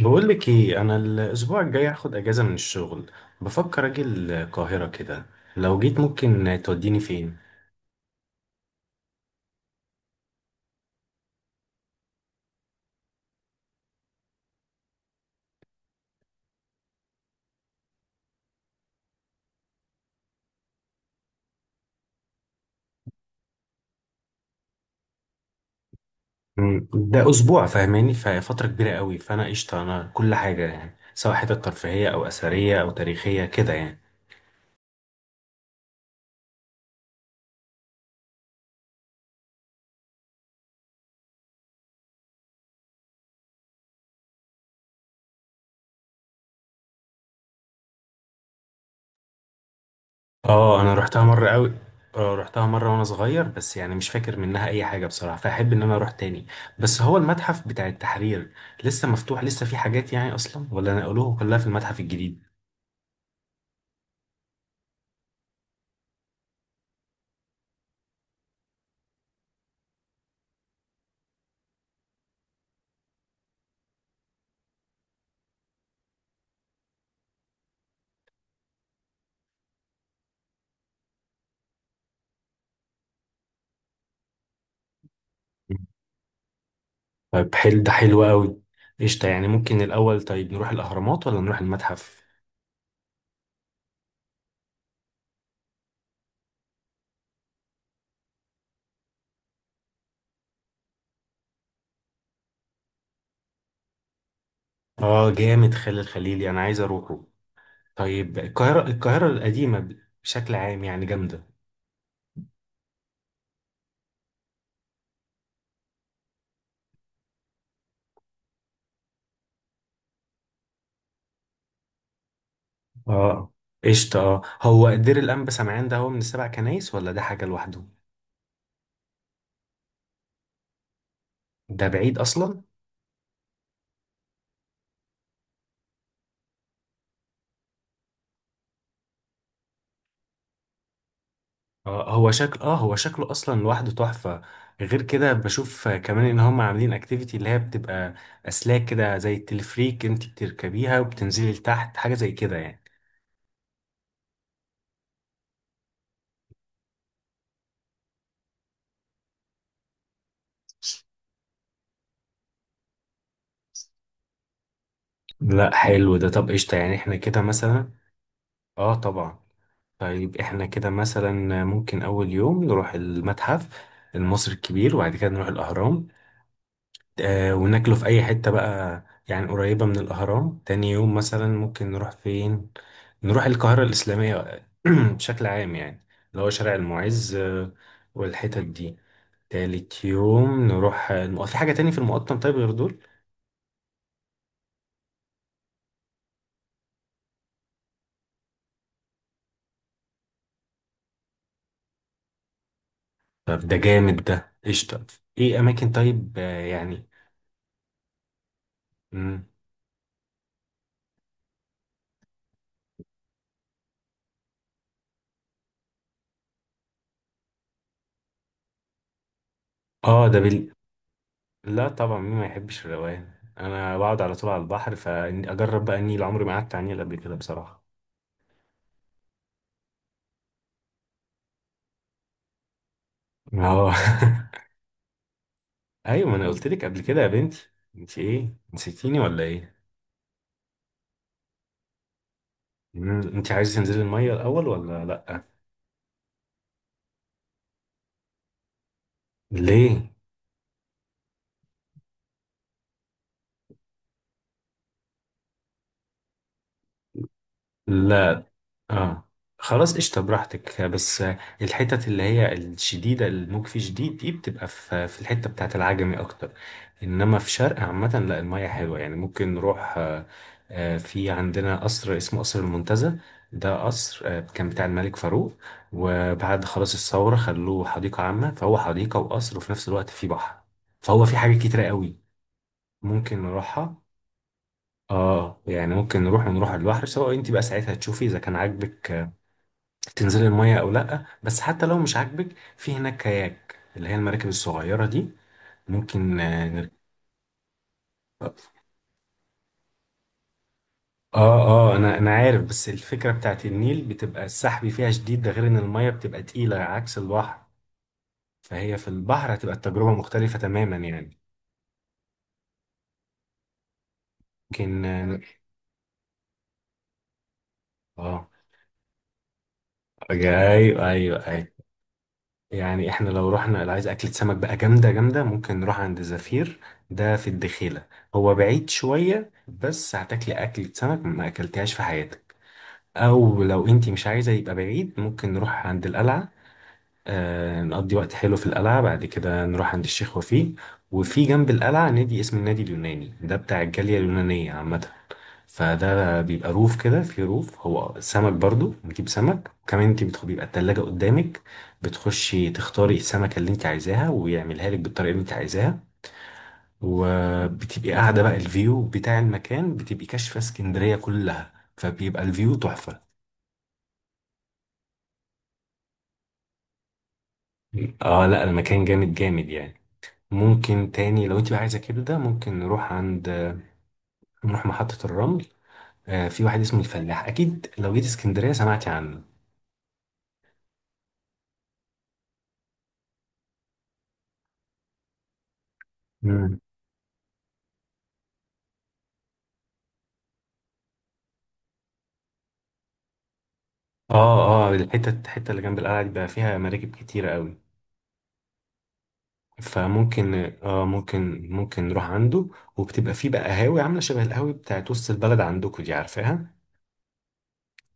بقول لك ايه، انا الاسبوع الجاي هاخد اجازه من الشغل. بفكر اجي القاهره كده. لو جيت ممكن توديني فين؟ ده اسبوع فاهماني؟ ففتره كبيره قوي، فانا قشطه. انا كل حاجه يعني، سواء حتت ترفيهيه او اثريه او تاريخيه كده يعني. اه انا رحتها مره قوي. اه رحتها مره وانا صغير، بس يعني مش فاكر منها اي حاجه بصراحه، فاحب ان انا اروح تاني. بس هو المتحف بتاع التحرير لسه مفتوح؟ لسه في حاجات يعني اصلا، ولا نقلوه كلها في المتحف الجديد؟ طيب حل ده حلو قوي. قشطة، يعني ممكن الأول طيب نروح الأهرامات ولا نروح المتحف؟ آه جامد، خالد الخليلي أنا عايز أروحه. طيب القاهرة القديمة بشكل عام يعني جامدة. آه قشطة، آه هو دير الأنبا سمعان ده هو من السبع كنايس ولا ده حاجة لوحده؟ ده بعيد أصلا؟ آه هو شكل، هو شكله أصلا لوحده تحفة. غير كده بشوف كمان إن هم عاملين أكتيفيتي اللي هي بتبقى أسلاك كده زي التلفريك، أنت بتركبيها وبتنزلي لتحت، حاجة زي كده يعني. لا حلو ده، طب قشطة يعني احنا كده مثلا. اه طبعا. طيب احنا كده مثلا ممكن اول يوم نروح المتحف المصري الكبير، وبعد كده نروح الاهرام، آه وناكله في اي حتة بقى يعني قريبة من الاهرام. تاني يوم مثلا ممكن نروح فين؟ نروح القاهرة الاسلامية بشكل عام يعني، اللي هو شارع المعز والحتت دي. تالت يوم نروح في حاجة تاني في المقطم، طيب غير دول. طب ده جامد، ده قشطة. ايه اماكن طيب يعني. مم. اه ده بال... لا طبعا، مين ما يحبش الروقان؟ انا بقعد على طول على البحر، فاجرب بقى النيل، عمري ما قعدت على النيل قبل كده بصراحه. اه ايوه ما انا قلت لك قبل كده يا بنتي، انت ايه نسيتيني ولا ايه؟ انت عايز تنزلي الميه الاول ولا لا؟ ليه؟ لا اه خلاص قشطة براحتك. بس الحتت اللي هي الشديدة، الموج فيه شديد، دي بتبقى في الحتة بتاعة العجمي أكتر. إنما في شرق عامة لا، المية حلوة، يعني ممكن نروح آه، آه، في عندنا قصر اسمه قصر المنتزه. ده قصر آه، كان بتاع الملك فاروق، وبعد خلاص الثورة خلوه حديقة عامة، فهو حديقة وقصر وفي نفس الوقت فيه بحر، فهو فيه حاجات كتيرة قوي ممكن نروحها. اه يعني ممكن نروح ونروح على البحر، سواء انت بقى ساعتها تشوفي اذا كان عاجبك تنزلي المية او لا، بس حتى لو مش عاجبك، في هناك كاياك اللي هي المراكب الصغيرة دي، ممكن نركب. اه اه انا عارف، بس الفكرة بتاعت النيل بتبقى السحب فيها شديد، ده غير ان المية بتبقى تقيلة عكس البحر، فهي في البحر هتبقى التجربة مختلفة تماما يعني. ممكن اه آه، ايوه ايوه ايوه. يعني احنا لو رحنا، اللي عايز اكلة سمك بقى جامدة جامدة، ممكن نروح عند زفير. ده في الدخيلة. هو بعيد شوية، بس هتاكلي أكلة سمك ما أكلتهاش في حياتك. او لو انتي مش عايزه يبقى بعيد، ممكن نروح عند القلعه، آه نقضي وقت حلو في القلعه، بعد كده نروح عند الشيخ وفيه. وفي جنب القلعه نادي اسمه النادي اليوناني، ده بتاع الجاليه اليونانيه عامه، فده بيبقى روف كده، في روف هو سمك برضو، نجيب سمك. وكمان انتي بيبقى التلاجة قدامك، بتخشي تختاري السمكة اللي انت عايزاها ويعملها لك بالطريقة اللي انت عايزاها، وبتبقي قاعدة بقى الفيو بتاع المكان بتبقي كاشفة اسكندرية كلها، فبيبقى الفيو تحفة. اه لا المكان جامد جامد يعني. ممكن تاني لو انت بقى عايزه كده، ده ممكن نروح نروح محطة الرمل، آه في واحد اسمه الفلاح، اكيد لو جيت اسكندرية سمعتي عنه. مم. اه اه الحتة اللي جنب القلعة دي بقى فيها مراكب كتيرة قوي، فممكن اه ممكن نروح عنده. وبتبقى فيه بقى قهاوي عاملة شبه القهاوي بتاعت وسط البلد عندكم، دي عارفاها؟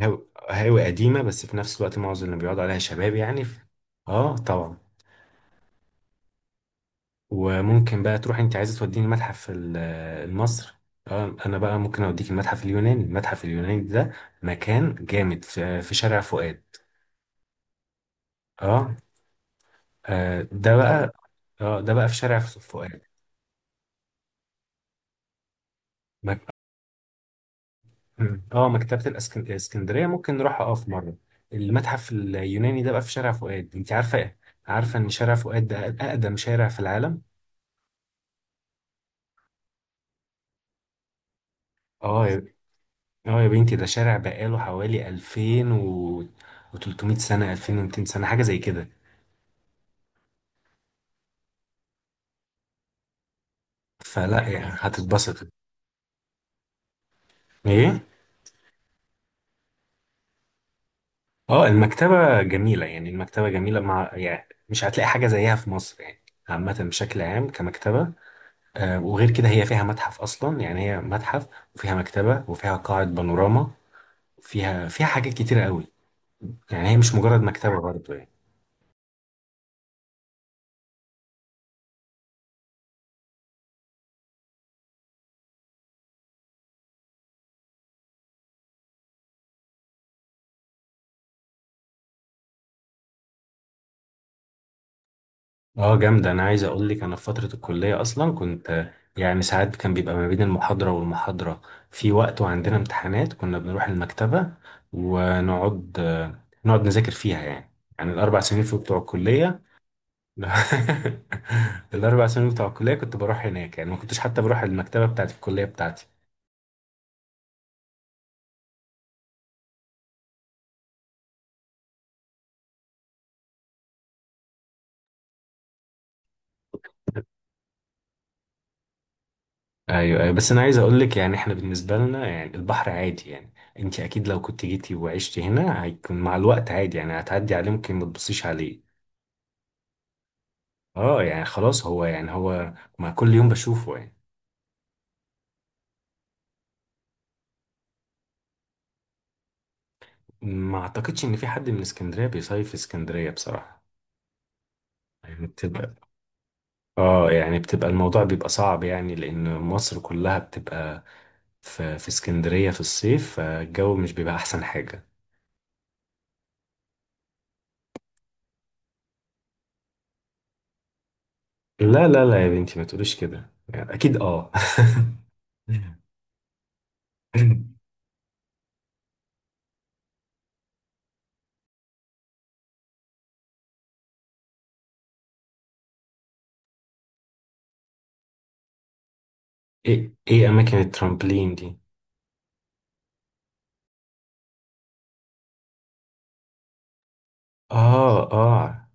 قهاوي قديمة، بس في نفس الوقت معظم اللي بيقعدوا عليها شباب يعني اه طبعا. وممكن بقى تروح، انت عايزه توديني المتحف المصري، اه انا بقى ممكن اوديك المتحف اليوناني. المتحف اليوناني ده مكان جامد، في شارع فؤاد. اه آه، ده حلو بقى. اه ده بقى في شارع فؤاد. مك... اه الاسكندرية ممكن نروحها اه في مرة. المتحف اليوناني ده بقى في شارع فؤاد. انت عارفة ايه؟ عارفة ان شارع فؤاد ده اقدم شارع في العالم؟ اه يا... اه يا بنتي، ده شارع بقاله حوالي 2000 و 300 سنة، 2200 سنة حاجة زي كده. فلا يعني هتتبسط. ايه؟ اه المكتبة جميلة يعني، المكتبة جميلة، مع يعني مش هتلاقي حاجة زيها في مصر يعني، عامة بشكل عام كمكتبة. آه وغير كده هي فيها متحف أصلا، يعني هي متحف وفيها مكتبة وفيها قاعة بانوراما، فيها حاجات كتيرة قوي. يعني هي مش مجرد مكتبة برضه يعني. اه جامدة. انا عايز اقول لك، انا في فترة الكلية اصلا كنت يعني، ساعات كان بيبقى ما بين المحاضرة والمحاضرة في وقت، وعندنا امتحانات، كنا بنروح المكتبة ونقعد نذاكر فيها يعني. يعني الاربع سنين في بتوع الكلية الاربع سنين بتوع الكلية كنت بروح هناك يعني، ما كنتش حتى بروح المكتبة بتاعت الكلية بتاعتي. ايوه ايوه، بس انا عايز اقول لك يعني احنا بالنسبه لنا يعني البحر عادي يعني. انت اكيد لو كنت جيتي وعشتي هنا هيكون مع الوقت عادي يعني، هتعدي عليه ممكن ما تبصيش عليه. اه يعني خلاص هو يعني، هو مع كل يوم بشوفه يعني. ما اعتقدش ان في حد من اسكندريه بيصيف في اسكندريه بصراحه. يعني بتبقى اه يعني بتبقى الموضوع بيبقى صعب، يعني لان مصر كلها بتبقى في اسكندريه في الصيف، فالجو مش بيبقى احسن حاجه. لا لا لا يا بنتي ما تقوليش كده يعني، اكيد اه ايه ايه اماكن الترامبلين دي؟ اه اه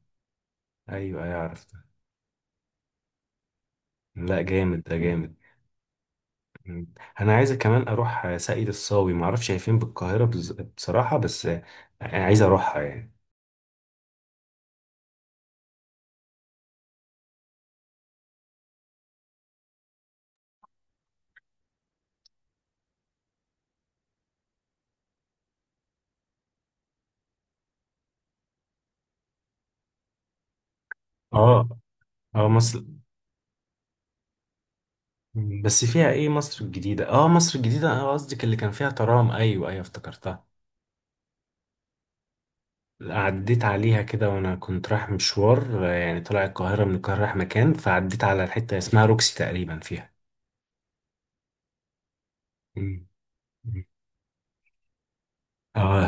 ايوه ايوه عرفتها. لا جامد ده جامد. مم. انا عايز كمان اروح ساقية الصاوي، ما اعرفش هي فين بالقاهره بصراحه، بس آه، عايز اروحها يعني. اه اه مصر، بس فيها ايه مصر الجديده؟ اه مصر الجديده، اه قصدك اللي كان فيها ترام، ايوه ايوه افتكرتها. عديت عليها كده وانا كنت رايح مشوار، آه يعني طلع القاهره، من القاهره رايح مكان، فعديت على الحته اسمها روكسي تقريبا فيها. مم. مم. اه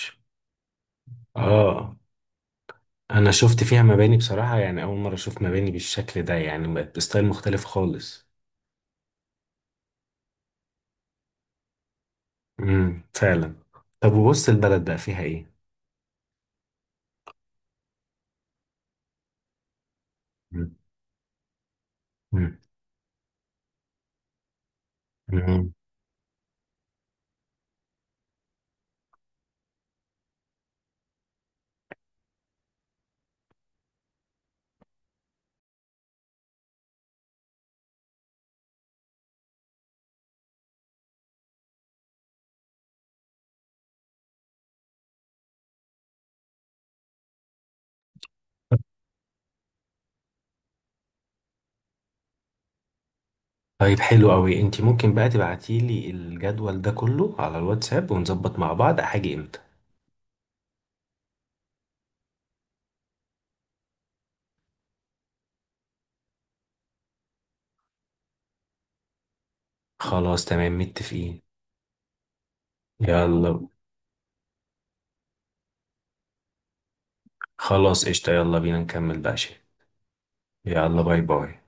ش- اه انا شفت فيها مباني بصراحه، يعني اول مره اشوف مباني بالشكل ده، يعني بقت بستايل مختلف خالص. فعلا. طب وبص البلد بقى فيها ايه؟ مم. مم. مم. طيب حلو قوي، انت ممكن بقى تبعتي لي الجدول ده كله على الواتساب، ونظبط مع بعض هاجي امتى. خلاص تمام متفقين. يلا. خلاص قشطة يلا بينا نكمل بقى شيء. يلا باي باي.